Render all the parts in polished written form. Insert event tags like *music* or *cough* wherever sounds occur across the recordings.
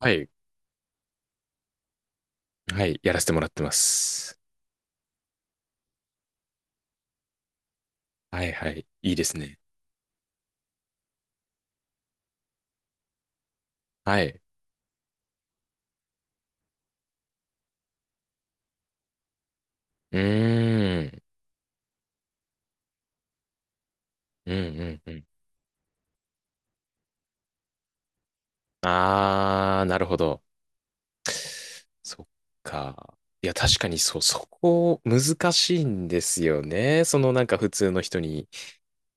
はい。はい。やらせてもらってます。はいはい。いいですね。はい。うーん。うんうんうん。あー、なるほど。そっか。いや、確かにそう、そこ難しいんですよね。そのなんか普通の人に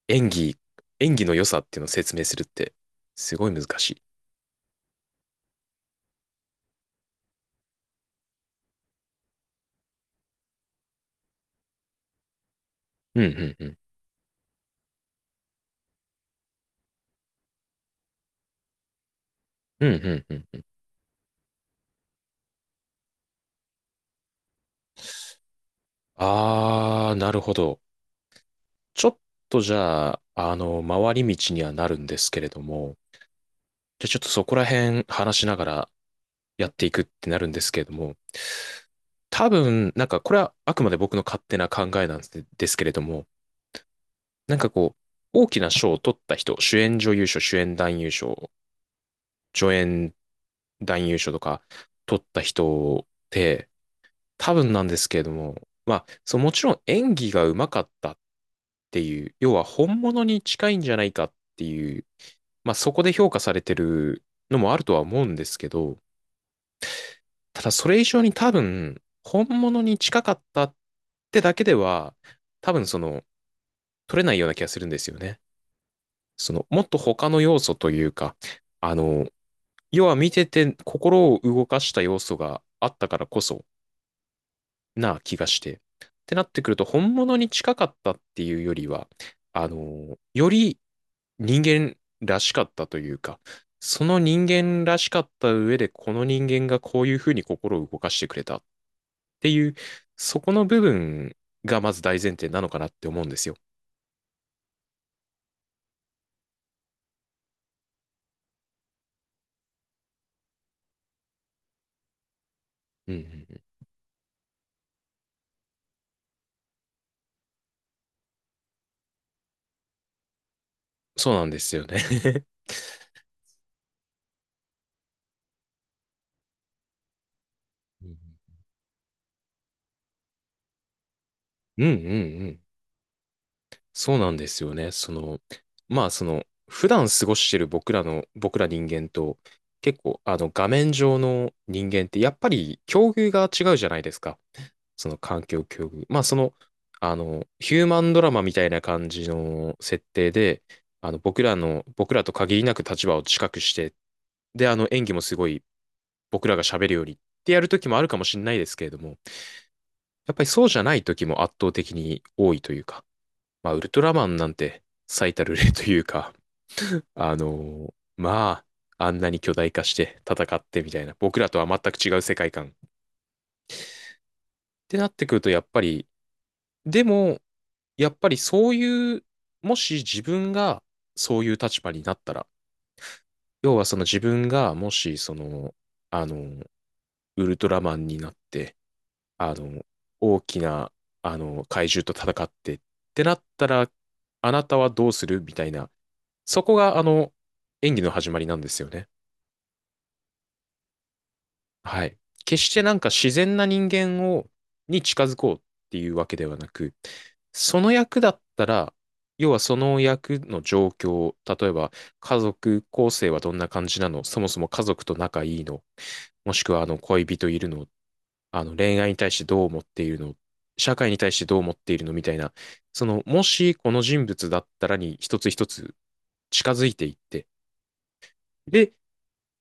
演技、演技の良さっていうのを説明するって、すごい難しい。うんうんうん。うんうんうんうん。あー、なるほど。ちょっとじゃあ、回り道にはなるんですけれども、じゃあちょっとそこら辺話しながらやっていくってなるんですけれども、多分、なんかこれはあくまで僕の勝手な考えなんですけれども、なんかこう、大きな賞を取った人、主演女優賞、主演男優賞、助演男優賞とか取った人って、多分なんですけれども、まあ、そう、もちろん演技が上手かったっていう、要は本物に近いんじゃないかっていう、まあそこで評価されてるのもあるとは思うんですけど、ただそれ以上に多分、本物に近かったってだけでは、多分取れないような気がするんですよね。もっと他の要素というか、あの、要は見てて心を動かした要素があったからこそな気がして。ってなってくると、本物に近かったっていうよりは、より人間らしかったというか、その人間らしかった上で、この人間がこういうふうに心を動かしてくれた。っていう、そこの部分がまず大前提なのかなって思うんですよ。うんうんうん、そうなんですよね。*laughs* うんうん *laughs* うん。そうなんですよね。まあその、普段過ごしてる僕ら人間と、結構あの画面上の人間ってやっぱり境遇が違うじゃないですか。その環境境遇。まあその、ヒューマンドラマみたいな感じの設定で、あの僕らと限りなく立場を近くして、で、あの演技もすごい僕らが喋るよりってやる時もあるかもしれないですけれども、やっぱりそうじゃない時も圧倒的に多いというか、まあ、ウルトラマンなんて最たる例というか、まあ、あんなに巨大化して戦ってみたいな、僕らとは全く違う世界観ってなってくると、やっぱり、でも、やっぱりそういう、もし自分がそういう立場になったら、要はその自分がもしその、あの、ウルトラマンになって、あの、大きな、怪獣と戦ってってなったら、あなたはどうするみたいな、そこが、演技の始まりなんですよね。はい。決してなんか自然な人間を、に近づこうっていうわけではなく、その役だったら、要はその役の状況、例えば家族構成はどんな感じなの、そもそも家族と仲いいの、もしくはあの恋人いるのっあの恋愛に対してどう思っているの、社会に対してどう思っているのみたいな、その、もしこの人物だったらに一つ一つ近づいていって、で、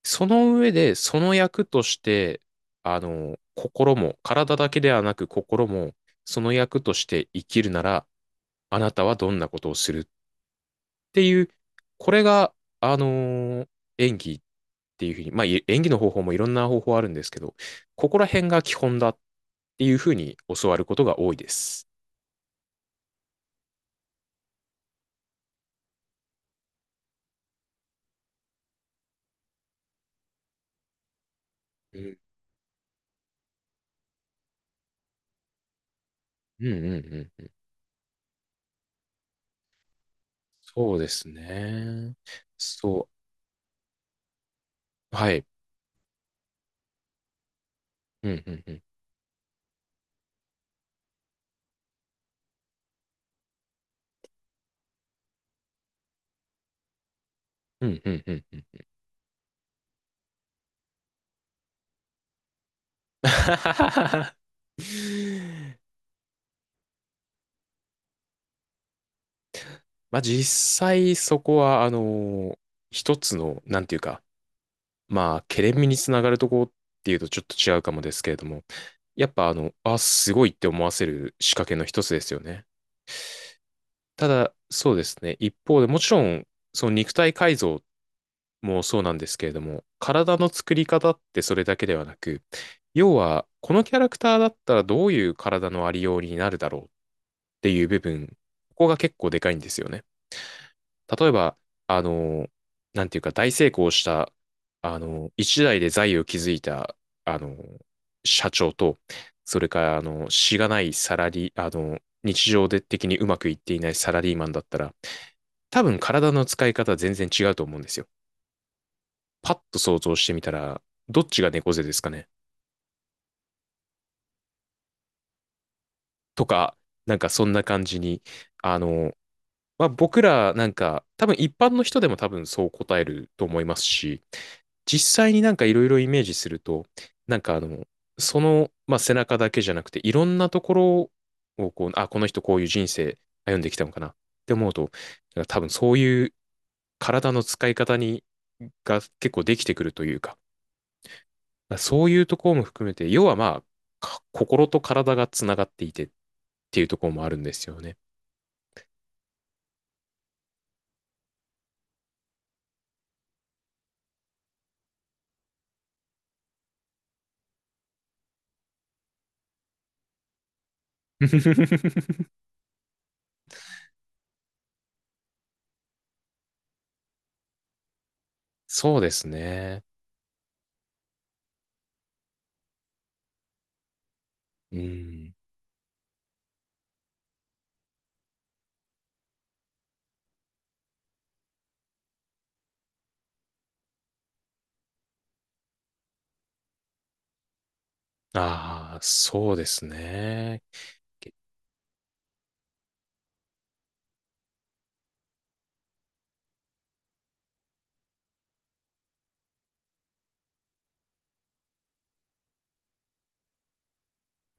その上で、その役として、心も、体だけではなく心も、その役として生きるなら、あなたはどんなことをするっっていう、これが、あのー演技っていうふうに、まあ、演技の方法もいろんな方法あるんですけど、ここら辺が基本だっていうふうに教わることが多いです。うんうんうんうん。そうですね。そう。はい。うんうんうん。うんうんうんうん *laughs*。まあ実際そこは、一つの、なんていうか、まあ、ケレン味につながるとこっていうとちょっと違うかもですけれども、やっぱあ、すごいって思わせる仕掛けの一つですよね。ただ、そうですね。一方でもちろん、その肉体改造もそうなんですけれども、体の作り方ってそれだけではなく、要は、このキャラクターだったらどういう体のありようになるだろうっていう部分、ここが結構でかいんですよね。例えば、あの、なんていうか、大成功した、一代で財を築いた、あの、社長と、それから、しがないサラリー、日常で的にうまくいっていないサラリーマンだったら、多分体の使い方は全然違うと思うんですよ。パッと想像してみたら、どっちが猫背ですかねとか、なんかそんな感じに、あの、まあ、僕らなんか多分一般の人でも多分そう答えると思いますし、実際になんかいろいろイメージすると、なんかまあ、背中だけじゃなくていろんなところをこう、あ、この人こういう人生歩んできたのかなって思うと、なんか多分そういう体の使い方にが結構できてくるというか、そういうところも含めて、要はまあ、か心と体がつながっていてっていうところもあるんですよね。*laughs* そうですね。うん。ああ、そうですね。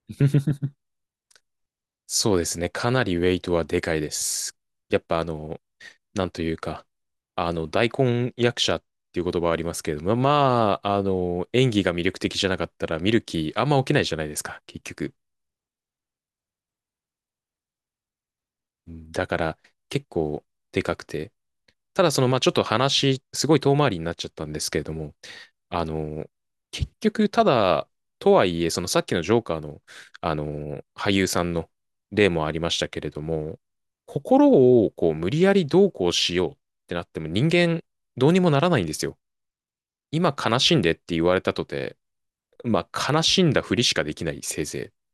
*laughs* そうですね。かなりウェイトはでかいです。やっぱなんというか、大根役者っていう言葉はありますけれども、まあ、演技が魅力的じゃなかったら見る気あんま起きないじゃないですか、結局。だから、結構でかくて。ただその、まあ、ちょっと話、すごい遠回りになっちゃったんですけれども、あの、結局、ただ、とはいえ、そのさっきのジョーカーの、俳優さんの例もありましたけれども、心をこう無理やりどうこうしようってなっても人間どうにもならないんですよ。今悲しんでって言われたとて、まあ悲しんだふりしかできないせいぜい。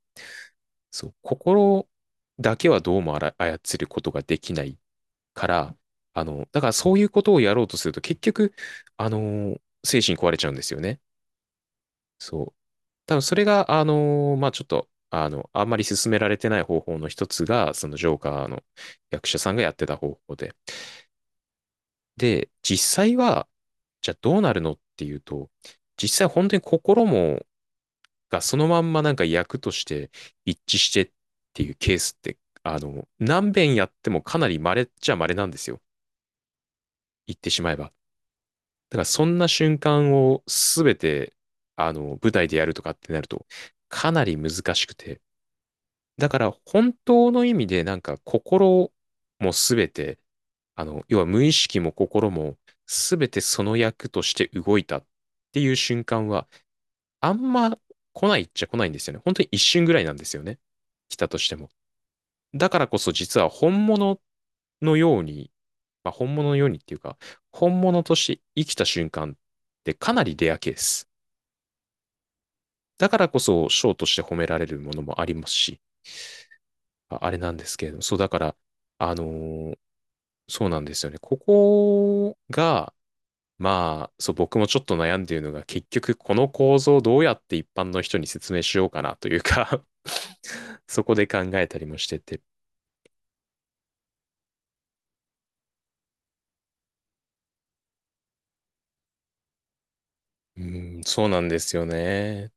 そう、心だけはどうも操ることができないから、だからそういうことをやろうとすると結局、精神壊れちゃうんですよね。そう。多分それが、まあちょっと、あんまり進められてない方法の一つが、そのジョーカーの役者さんがやってた方法で。で、実際は、じゃあどうなるのっていうと、実際本当に心も、がそのまんまなんか役として一致してっていうケースって、何遍やってもかなり稀っちゃ稀なんですよ。言ってしまえば。だからそんな瞬間をすべて、舞台でやるとかってなると、かなり難しくて。だから本当の意味でなんか心もすべて、要は無意識も心もすべてその役として動いたっていう瞬間は、あんま来ないっちゃ来ないんですよね。本当に一瞬ぐらいなんですよね。来たとしても。だからこそ実は本物のように、まあ、本物のようにっていうか、本物として生きた瞬間ってかなりレアケース。だからこそ賞として褒められるものもありますし、ああれなんですけれども、そうだから、あのーそうなんですよね。ここが、まあ、そう、僕もちょっと悩んでいるのが、結局この構造をどうやって一般の人に説明しようかなというか *laughs* そこで考えたりもしてて、うん、そうなんですよね。